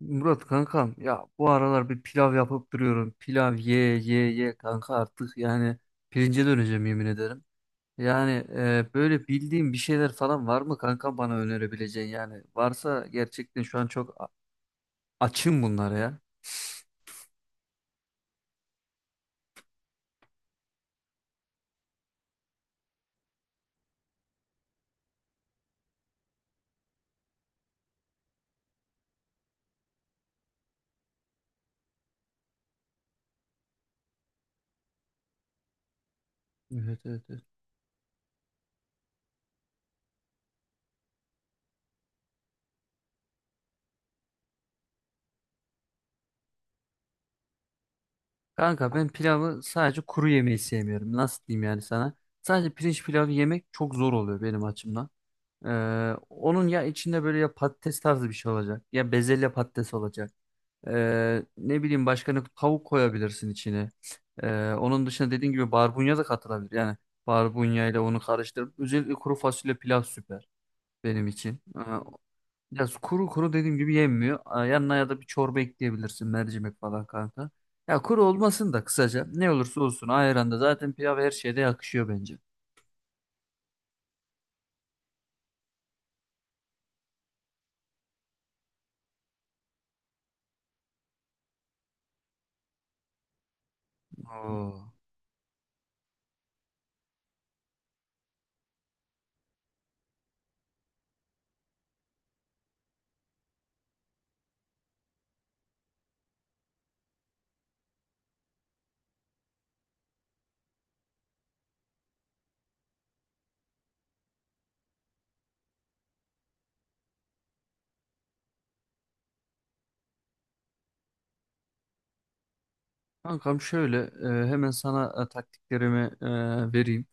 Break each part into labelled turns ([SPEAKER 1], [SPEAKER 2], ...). [SPEAKER 1] Murat kankam ya bu aralar bir pilav yapıp duruyorum. Pilav ye ye ye kanka artık yani pirince döneceğim yemin ederim. Yani böyle bildiğim bir şeyler falan var mı kanka bana önerebileceğin yani. Varsa gerçekten şu an çok açım bunlara ya. Evet, evet, evet. Kanka ben pilavı sadece kuru yemeyi sevmiyorum. Nasıl diyeyim yani sana? Sadece pirinç pilavı yemek çok zor oluyor benim açımdan. Onun ya içinde böyle ya patates tarzı bir şey olacak ya bezelye patates olacak. Ne bileyim başka ne tavuk koyabilirsin içine. Onun dışında dediğin gibi barbunya da katılabilir. Yani barbunya ile onu karıştırıp özellikle kuru fasulye pilav süper benim için. Ya kuru kuru dediğim gibi yenmiyor. Yanına ya da bir çorba ekleyebilirsin mercimek falan kanka. Ya kuru olmasın da kısaca ne olursa olsun ayranda zaten pilav her şeyde yakışıyor bence. Oo. Kankam şöyle hemen sana taktiklerimi vereyim.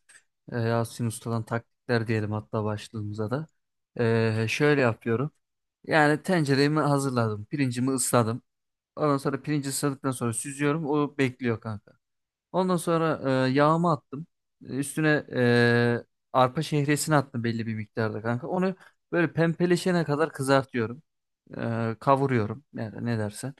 [SPEAKER 1] Yasin Usta'dan taktikler diyelim hatta başlığımıza da. Şöyle yapıyorum. Yani tenceremi hazırladım. Pirincimi ısladım. Ondan sonra pirinci ısladıktan sonra süzüyorum. O bekliyor kanka. Ondan sonra yağımı attım. Üstüne arpa şehresini attım belli bir miktarda kanka. Onu böyle pembeleşene kadar kızartıyorum, kavuruyorum yani ne dersen.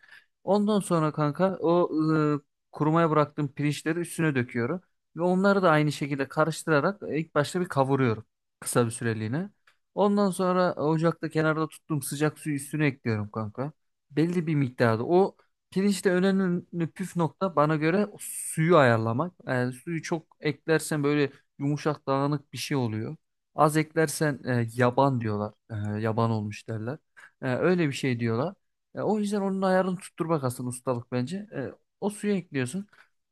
[SPEAKER 1] Ondan sonra kanka o kurumaya bıraktığım pirinçleri üstüne döküyorum ve onları da aynı şekilde karıştırarak ilk başta bir kavuruyorum, kısa bir süreliğine. Ondan sonra ocakta kenarda tuttuğum sıcak suyu üstüne ekliyorum kanka. Belli bir miktarda. O pirinçte önemli püf nokta bana göre suyu ayarlamak. Yani suyu çok eklersen böyle yumuşak dağınık bir şey oluyor. Az eklersen yaban diyorlar. Yaban olmuş derler. Öyle bir şey diyorlar. O yüzden onun ayarını tutturmak aslında ustalık bence. O suyu ekliyorsun.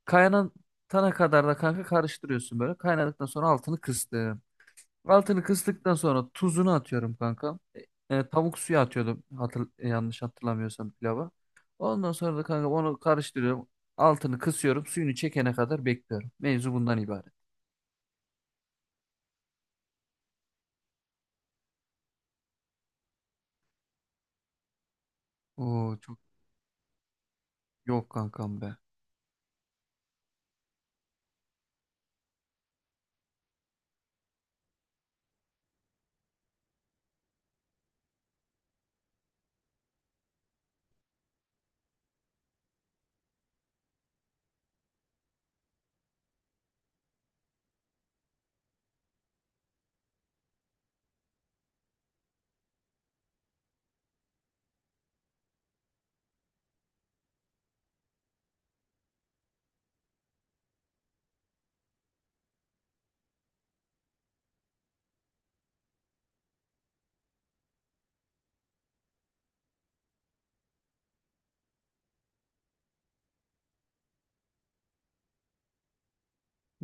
[SPEAKER 1] Kaynatana kadar da kanka karıştırıyorsun böyle. Kaynadıktan sonra altını kıstım. Altını kıstıktan sonra tuzunu atıyorum kanka. Tavuk suyu atıyordum yanlış hatırlamıyorsam pilava. Ondan sonra da kanka onu karıştırıyorum. Altını kısıyorum. Suyunu çekene kadar bekliyorum. Mevzu bundan ibaret. Oo çok yok kankam be.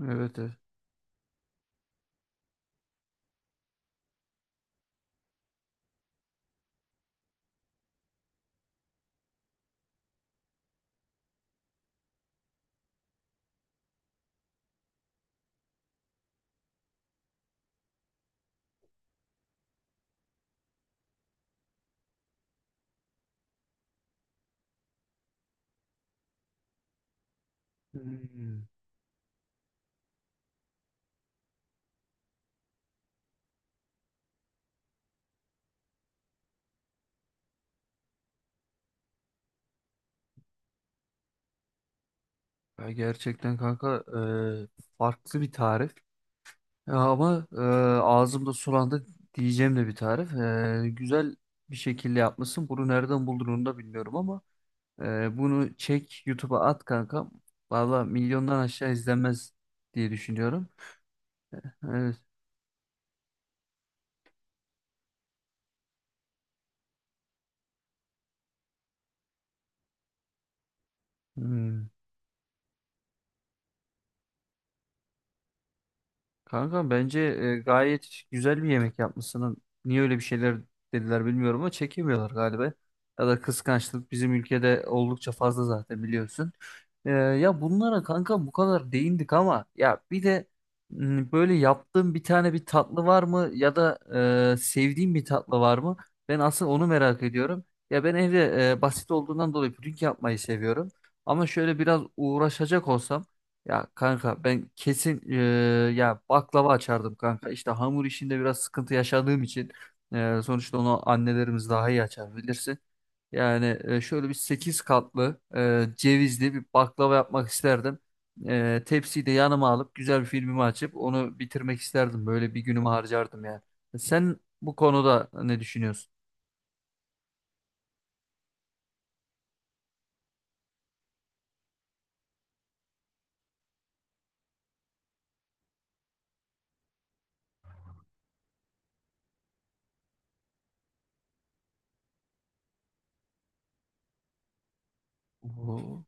[SPEAKER 1] Evet, evet. Hmm. Ya gerçekten kanka e, farklı bir tarif. Ya ama ağzımda sulandı diyeceğim de bir tarif. Güzel bir şekilde yapmışsın. Bunu nereden buldun onu da bilmiyorum ama bunu çek YouTube'a at kanka. Valla milyondan aşağı izlenmez diye düşünüyorum. Evet. Hmm. Kanka bence gayet güzel bir yemek yapmışsın. Niye öyle bir şeyler dediler bilmiyorum ama çekemiyorlar galiba. Ya da kıskançlık bizim ülkede oldukça fazla zaten biliyorsun. Ya bunlara kanka bu kadar değindik ama ya bir de böyle yaptığım bir tane bir tatlı var mı ya da sevdiğim bir tatlı var mı? Ben asıl onu merak ediyorum. Ya ben evde basit olduğundan dolayı puding yapmayı seviyorum. Ama şöyle biraz uğraşacak olsam ya kanka ben kesin ya baklava açardım kanka. İşte hamur işinde biraz sıkıntı yaşadığım için sonuçta onu annelerimiz daha iyi açar bilirsin. Yani şöyle bir 8 katlı cevizli bir baklava yapmak isterdim. Tepsiyi de yanıma alıp güzel bir filmimi açıp onu bitirmek isterdim. Böyle bir günümü harcardım yani. Sen bu konuda ne düşünüyorsun? Oo,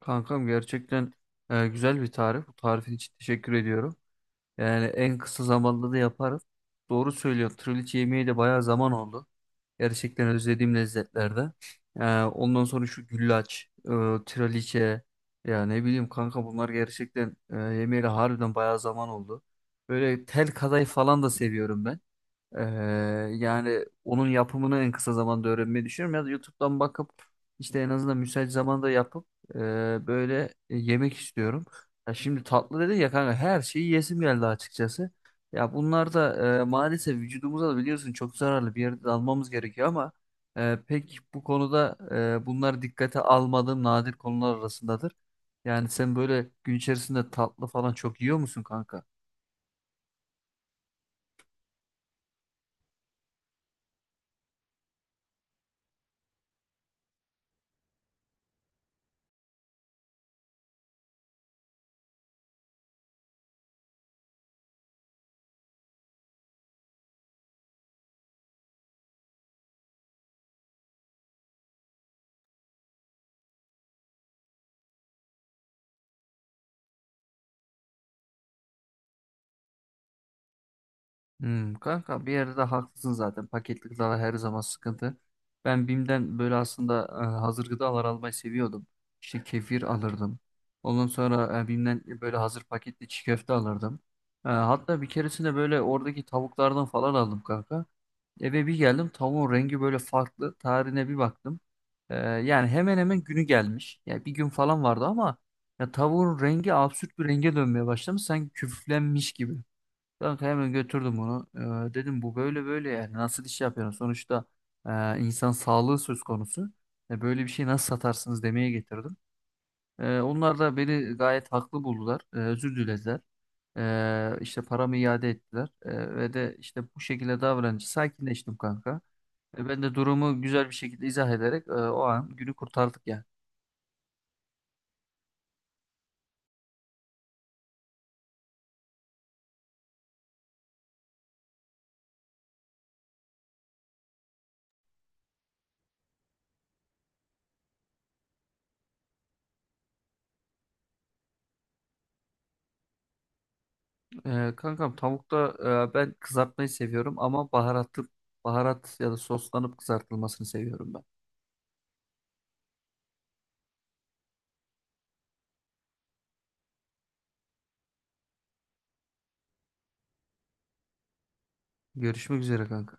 [SPEAKER 1] kankam gerçekten güzel bir tarif. Bu tarifin için teşekkür ediyorum. Yani en kısa zamanda da yaparız. Doğru söylüyor. Trileçe yemeği de bayağı zaman oldu. Gerçekten özlediğim lezzetlerde. Ondan sonra şu güllaç, trileçe, ya ne bileyim kanka bunlar gerçekten yemeğiyle harbiden bayağı zaman oldu. Böyle tel kadayıf falan da seviyorum ben. Ee, Yani onun yapımını en kısa zamanda öğrenmeyi düşünüyorum ya da YouTube'dan bakıp işte en azından müsait zamanda yapıp e, böyle yemek istiyorum. Ya şimdi tatlı dedi ya kanka her şeyi yesim geldi açıkçası. Ya bunlar da maalesef vücudumuza da biliyorsun çok zararlı bir yerde de almamız gerekiyor ama pek bu konuda bunlar dikkate almadığım nadir konular arasındadır. Yani sen böyle gün içerisinde tatlı falan çok yiyor musun kanka? Hmm, kanka bir yerde de haklısın zaten. Paketli gıdalar her zaman sıkıntı. Ben BİM'den böyle aslında hazır gıdalar almayı seviyordum. İşte kefir alırdım. Ondan sonra BİM'den böyle hazır paketli çiğ köfte alırdım. Hatta bir keresinde böyle oradaki tavuklardan falan aldım kanka. Eve bir geldim tavuğun rengi böyle farklı. Tarihine bir baktım. Yani hemen hemen günü gelmiş. Yani bir gün falan vardı ama ya tavuğun rengi absürt bir renge dönmeye başlamış. Sanki küflenmiş gibi. Kanka hemen götürdüm onu. Dedim bu böyle böyle yani nasıl iş yapıyorsun? Sonuçta insan sağlığı söz konusu. Böyle bir şey nasıl satarsınız demeye getirdim. Onlar da beni gayet haklı buldular. Özür dilediler. İşte paramı iade ettiler. Ve de işte bu şekilde davranınca sakinleştim kanka. Ben de durumu güzel bir şekilde izah ederek o an günü kurtardık yani. Kankam tavukta ben kızartmayı seviyorum ama baharatlı baharat ya da soslanıp kızartılmasını seviyorum ben. Görüşmek üzere kanka.